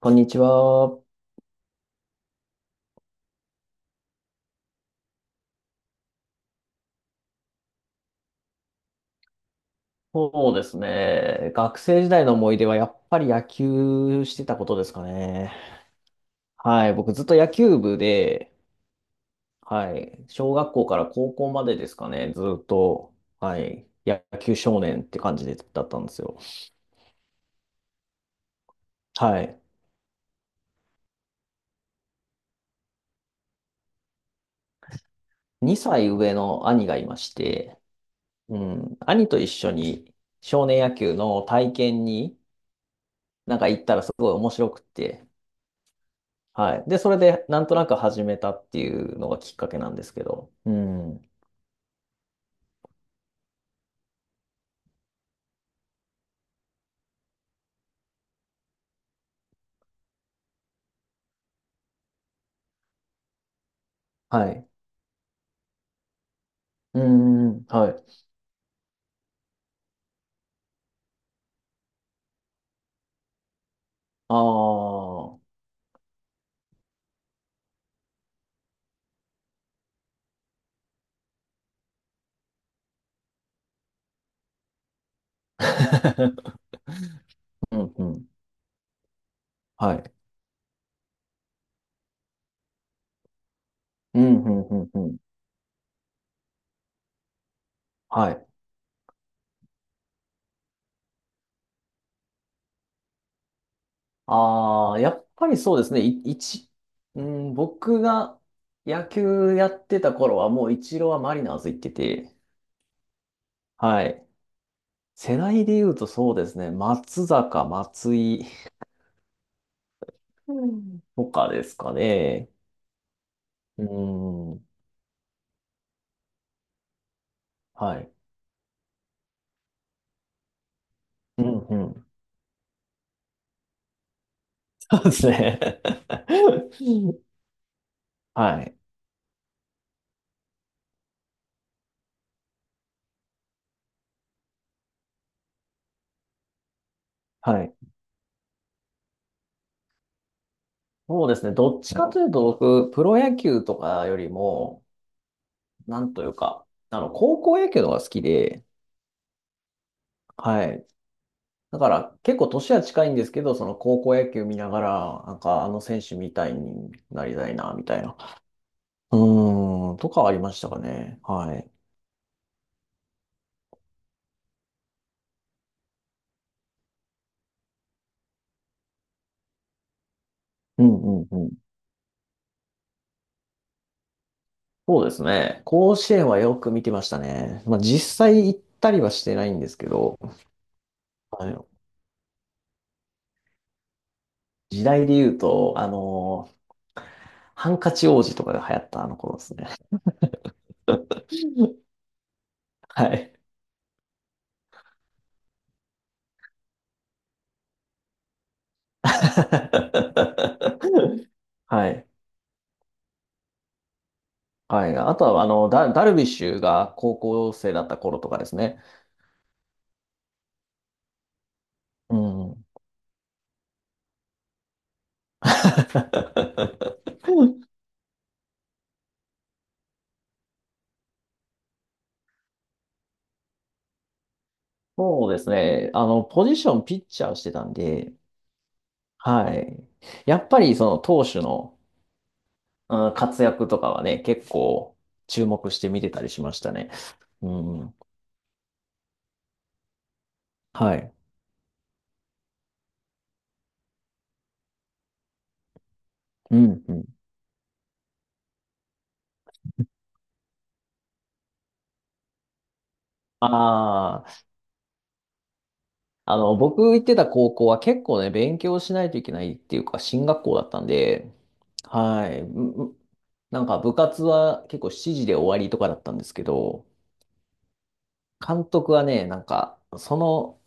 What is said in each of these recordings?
こんにちは。そうですね。学生時代の思い出はやっぱり野球してたことですかね。はい。僕ずっと野球部で、はい。小学校から高校までですかね。ずっと、はい。野球少年って感じだったんですよ。はい。2歳上の兄がいまして、うん。兄と一緒に少年野球の体験に行ったらすごい面白くって、はい。で、それで、なんとなく始めたっていうのがきっかけなんですけど。うん。はい。うん。はい。ああ。うんうん。はい。うん、うん、うん、うん。はい。ああ、やっぱりそうですね。うん、僕が野球やってた頃はもうイチローはマリナーズ行ってて、はい。世代で言うとそうですね。松坂、松井うんとかですかね。うん。はい。うんうん、そうですね。はい。はい。そうですね。どっちかというと、僕、プロ野球とかよりも、なんというか、あの、高校野球の方が好きで、はい。だから、結構年は近いんですけど、その高校野球見ながら、なんか、あの選手みたいになりたいな、みたいな。うーん、とかありましたかね。はい。うんうんうん。そうですね。甲子園はよく見てましたね。まあ、実際行ったりはしてないんですけど、あの、時代で言うと、あの、ハンカチ王子とかが流行ったあの頃ですね。はい。はい。はい。あとは、あの、ダルビッシュが高校生だった頃とかですね。うん。そうですね。あの、ポジションピッチャーをしてたんで、はい。やっぱりその投手の、うん、活躍とかはね、結構注目して見てたりしましたね。うん。はい。うん、うん。ああ。あの、僕行ってた高校は結構ね、勉強しないといけないっていうか、進学校だったんで、はい。なんか部活は結構7時で終わりとかだったんですけど、監督はね、なんか、その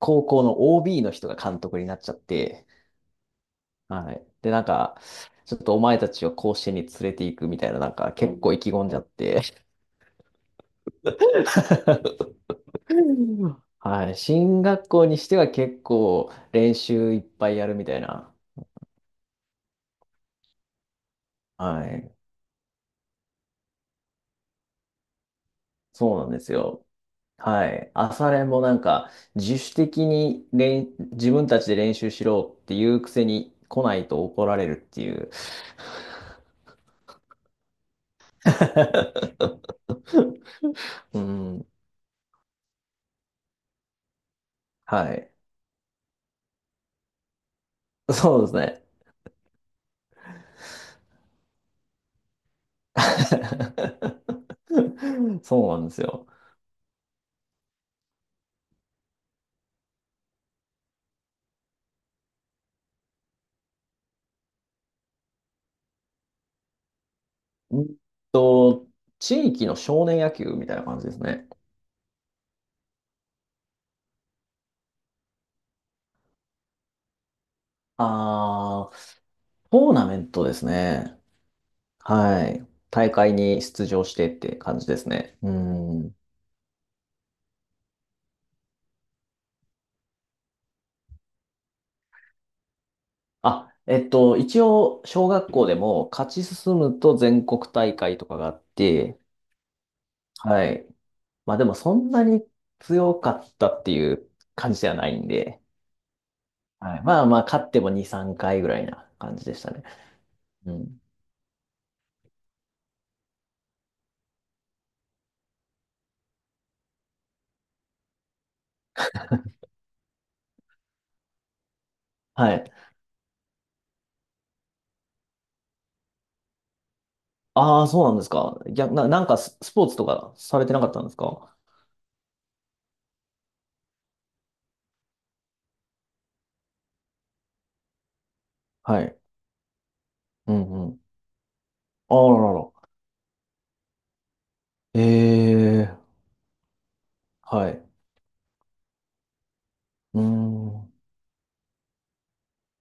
高校の OB の人が監督になっちゃって、はい。で、なんか、ちょっとお前たちを甲子園に連れて行くみたいな、なんか結構意気込んじゃって、はい。進学校にしては結構練習いっぱいやるみたいな、はい。そうなんですよ。はい。朝練もなんか、自主的に練、自分たちで練習しろっていうくせに来ないと怒られるっていう。うん。はい。そうですね。そうなんですよ。うんと、地域の少年野球みたいな感じですね。ああ、トーナメントですね。はい。大会に出場してって感じですね。うん。あ、えっと、一応、小学校でも勝ち進むと全国大会とかがあって、はい。まあでもそんなに強かったっていう感じではないんで、はい。まあまあ、勝っても2、3回ぐらいな感じでしたね。うん。はい。ああ、そうなんですか。逆な、なんかスポーツとかされてなかったんですか？はい。うんうん。ああららら。ええ、はい。うーん。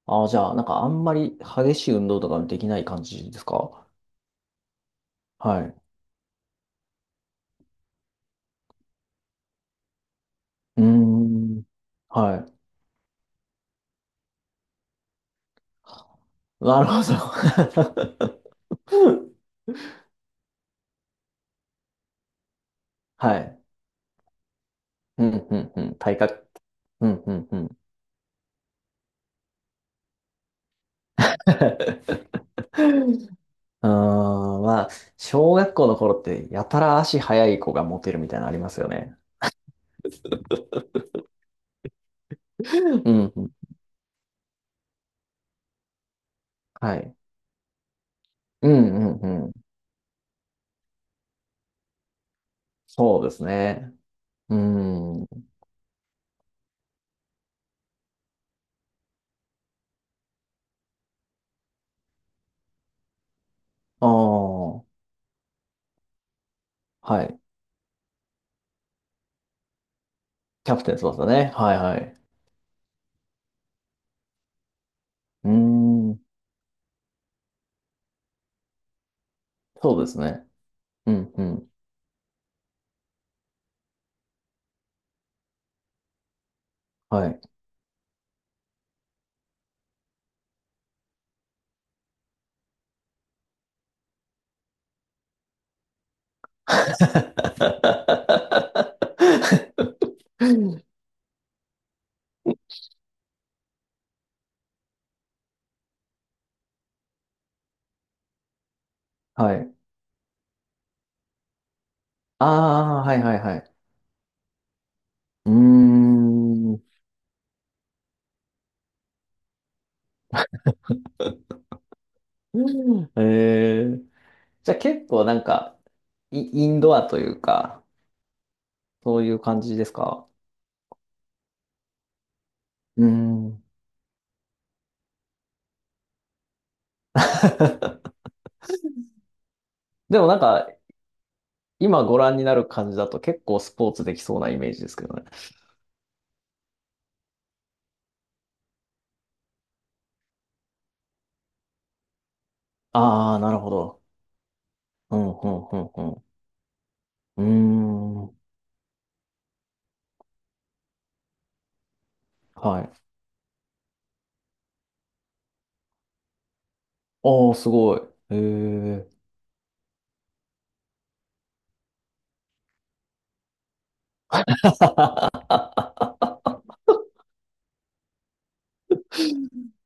ああ、じゃあ、なんかあんまり激しい運動とかできない感じですか？はい。うーん。はい。なるほど。はい。うん、うん、うん。体格。うん、うん、うん。うーん、まあ、小学校の頃ってやたら足速い子がモテるみたいなのありますよね。うん、うん。はい。うん、うん、うん。そうですね。うーん。ああ、はい。キャプテン翼ね。はい、はい。うーん、そうですね。うん、うん。はい。はい。ああ、はいはいはい。うーん。うん、えー、じゃあ結構なんか、インドアというか、そういう感じですか？うーん。でもなんか、今ご覧になる感じだと結構スポーツできそうなイメージですけどね。ああ、なるほど。うん、うん、うん、うん。うーん。はい。おー、すごい。えー、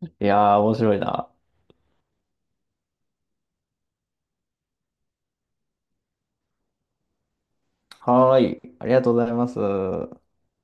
いやー、面白いな。はーい。ありがとうございます。